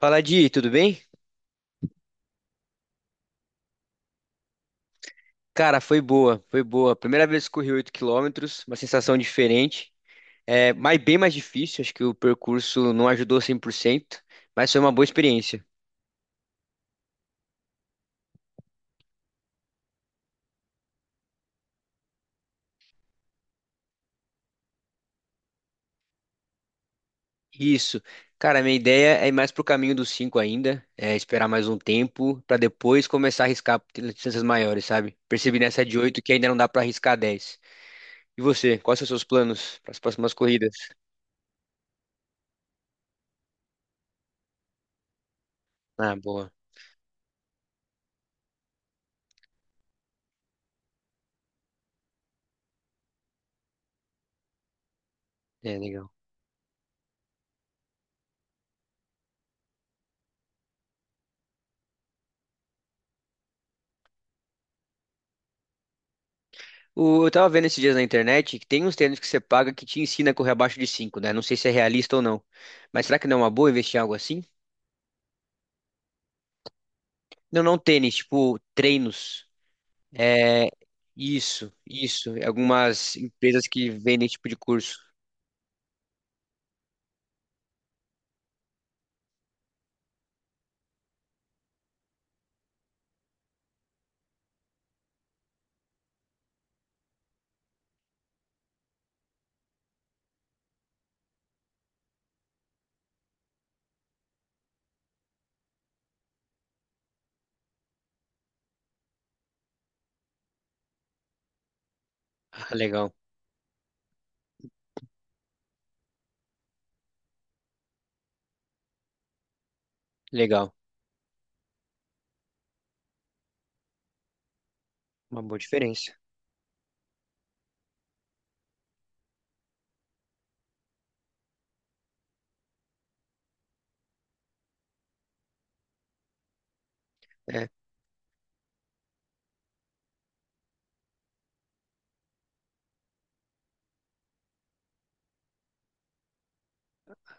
Fala, Di, tudo bem? Cara, foi boa, foi boa. Primeira vez que corri 8 quilômetros, uma sensação diferente. É, mas bem mais difícil, acho que o percurso não ajudou 100%, mas foi uma boa experiência. Isso. Cara, minha ideia é ir mais pro caminho dos 5 ainda, é esperar mais um tempo pra depois começar a arriscar distâncias maiores, sabe? Percebi nessa de 8 que ainda não dá pra arriscar 10. E você, quais são os seus planos para as próximas corridas? Ah, boa. É, legal. Eu tava vendo esses dias na internet que tem uns tênis que você paga que te ensina a correr abaixo de 5, né? Não sei se é realista ou não. Mas será que não é uma boa investir em algo assim? Não, não tênis, tipo treinos. É isso. É algumas empresas que vendem tipo de curso. Ah, legal. Uma boa diferença. É,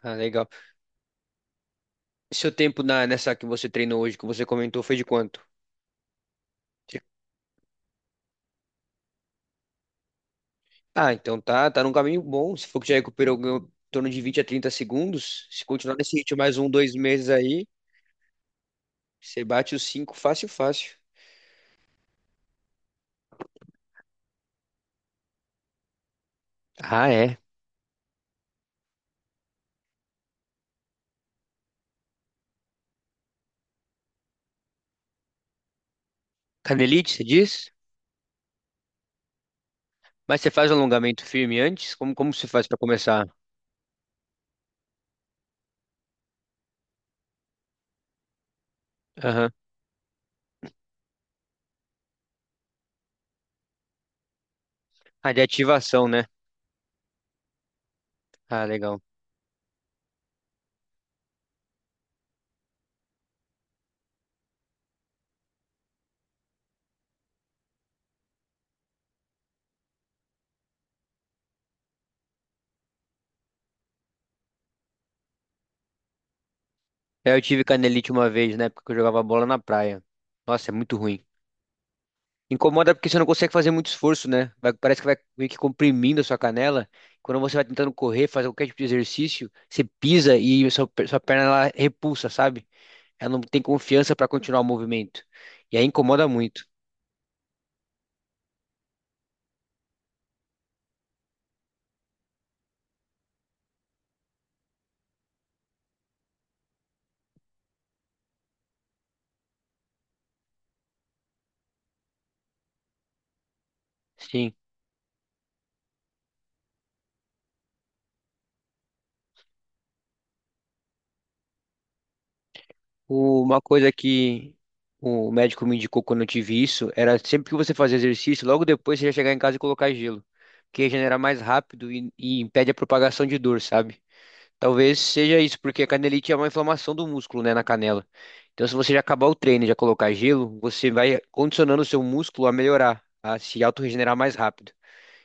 ah, legal. Seu tempo nessa que você treinou hoje, que você comentou, foi de quanto? De- Ah, então tá, tá num caminho bom. Se for que já recuperou em torno de 20 a 30 segundos, se continuar nesse ritmo mais um, dois meses aí. Você bate os cinco fácil, fácil. Ah, é. Canelite, você diz? Mas você faz alongamento firme antes? Como, como você faz para começar? Aham. Ah, de ativação, né? Ah, legal. É, eu tive canelite uma vez, na época que eu jogava bola na praia. Nossa, é muito ruim. Incomoda porque você não consegue fazer muito esforço, né? Parece que vai meio que comprimindo a sua canela. Quando você vai tentando correr, fazer qualquer tipo de exercício, você pisa e sua, sua perna ela repulsa, sabe? Ela não tem confiança para continuar o movimento. E aí incomoda muito. Sim. Uma coisa que o médico me indicou quando eu tive isso era sempre que você fazer exercício, logo depois você já chegar em casa e colocar gelo, que regenera mais rápido e impede a propagação de dor, sabe? Talvez seja isso, porque a canelite é uma inflamação do músculo, né, na canela. Então, se você já acabar o treino e já colocar gelo, você vai condicionando o seu músculo a melhorar, a se autorregenerar mais rápido.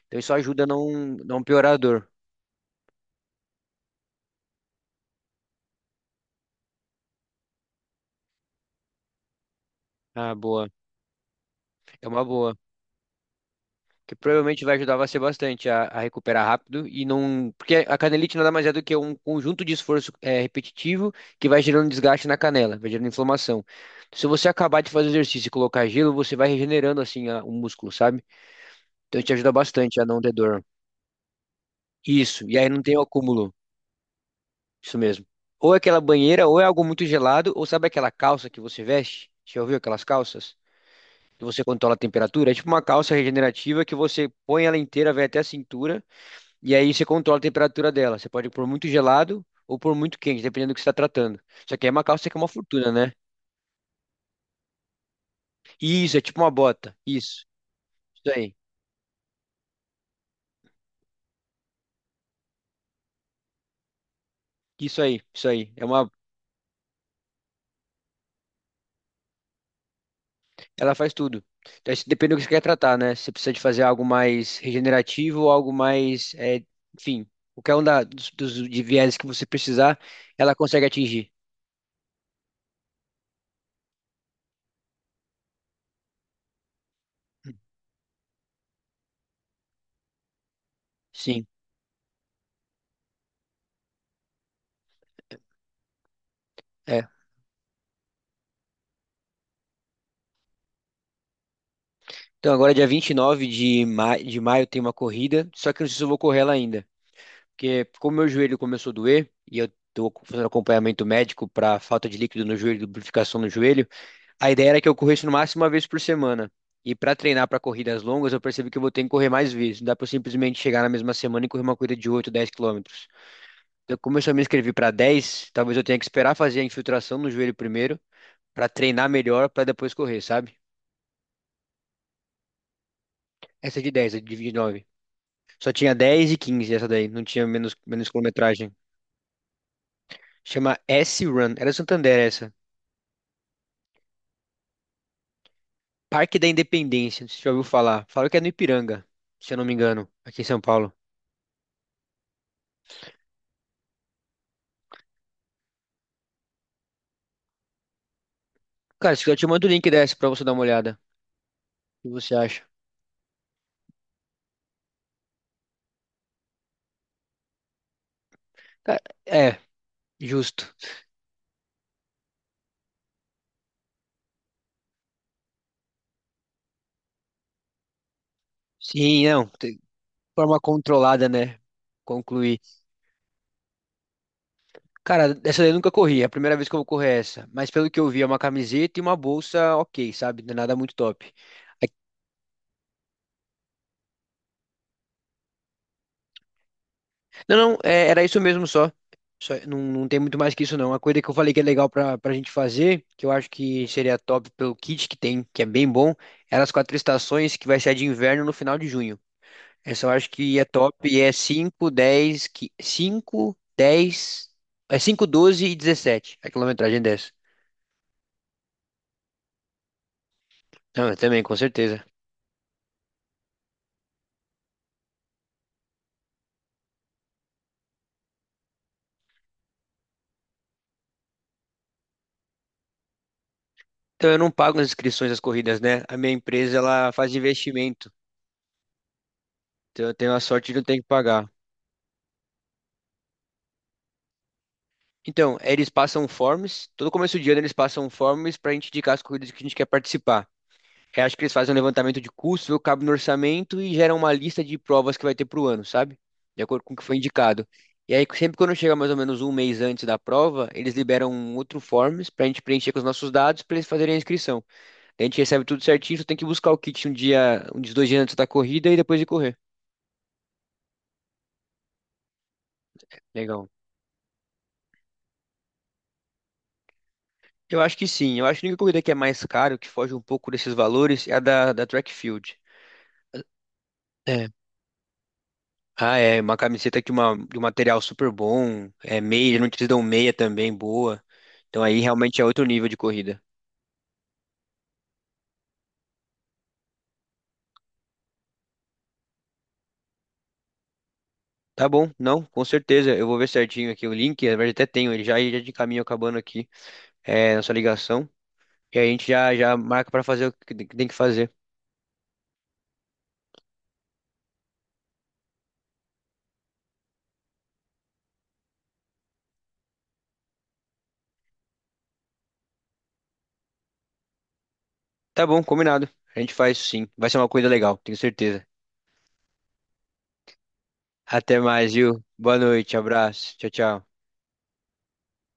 Então, isso ajuda a não, não piorar a dor. Ah, boa. É uma boa. Que provavelmente vai ajudar você bastante a recuperar rápido e não, porque a canelite nada mais é do que um conjunto de esforço repetitivo que vai gerando desgaste na canela, vai gerando inflamação. Se você acabar de fazer exercício e colocar gelo, você vai regenerando assim o músculo, sabe? Então te ajuda bastante a não ter dor. Isso, e aí não tem o acúmulo, isso mesmo. Ou é aquela banheira, ou é algo muito gelado, ou sabe aquela calça que você veste? Já ouviu aquelas calças? Que você controla a temperatura? É tipo uma calça regenerativa que você põe ela inteira, vai até a cintura. E aí você controla a temperatura dela. Você pode pôr muito gelado ou pôr muito quente, dependendo do que você está tratando. Só que aí uma calça que é uma fortuna, né? Isso, é tipo uma bota. Isso. Isso aí. Isso aí. Isso aí. É uma... Ela faz tudo. Então, isso depende do que você quer tratar, né? Se você precisa de fazer algo mais regenerativo ou algo mais, é, enfim, qualquer um dos de viés que você precisar, ela consegue atingir. Sim, é. Então agora é dia 29 de maio tem uma corrida, só que eu não sei se eu vou correr ela ainda. Porque como meu joelho começou a doer e eu tô fazendo acompanhamento médico para falta de líquido no joelho, lubrificação no joelho, a ideia era que eu corresse no máximo uma vez por semana. E para treinar para corridas longas, eu percebi que eu vou ter que correr mais vezes. Não dá para simplesmente chegar na mesma semana e correr uma corrida de 8, 10 quilômetros. Então, como eu só me inscrevi para 10, talvez eu tenha que esperar fazer a infiltração no joelho primeiro, para treinar melhor, para depois correr, sabe? Essa é de 10, a de 29. Só tinha 10 e 15 essa daí, não tinha menos, menos quilometragem. Chama S-Run, era Santander essa. Parque da Independência, não sei se você já ouviu falar. Falaram que é no Ipiranga, se eu não me engano, aqui em São Paulo. Cara, se quiser, eu te mando o link dessa pra você dar uma olhada. O que você acha? Cara, é, justo. Sim, não, forma controlada, né? Concluir. Cara, essa daí eu nunca corri, é a primeira vez que eu vou correr é essa. Mas pelo que eu vi, é uma camiseta e uma bolsa ok, sabe? Não é nada muito top. Não, não, era isso mesmo só. Não, não tem muito mais que isso, não. Uma coisa que eu falei que é legal pra, pra gente fazer, que eu acho que seria top pelo kit que tem, que é bem bom, era as quatro estações, que vai ser a de inverno no final de junho. Essa eu acho que é top, e é 5, 10, 5, 12 e 17, a quilometragem dessa. Não, eu também, com certeza. Então eu não pago as inscrições das corridas, né? A minha empresa, ela faz investimento. Então eu tenho a sorte de não ter que pagar. Então, é, eles passam forms, todo começo de ano eles passam forms para a gente indicar as corridas que a gente quer participar. Eu acho que eles fazem um levantamento de custos, vê o que cabe no orçamento e geram uma lista de provas que vai ter pro ano, sabe? De acordo com o que foi indicado. E aí, sempre quando chega mais ou menos um mês antes da prova, eles liberam um outro forms para a gente preencher com os nossos dados para eles fazerem a inscrição. Daí a gente recebe tudo certinho, só tem que buscar o kit um dia, um dos dois dias antes da corrida e depois de correr. Legal. Eu acho que sim. Eu acho que a única corrida que é mais caro, que foge um pouco desses valores, é a da track field. É, ah, é, uma camiseta de, uma, de um material super bom, é meia, não te dão meia também, boa. Então aí realmente é outro nível de corrida. Tá bom, não, com certeza, eu vou ver certinho aqui o link, na verdade até tenho ele já, e já de caminho acabando aqui, é, nossa ligação, e aí a gente já, já marca pra fazer o que tem que fazer. Tá bom, combinado, a gente faz isso sim, vai ser uma coisa legal, tenho certeza. Até mais, viu? Boa noite, abraço, tchau, tchau.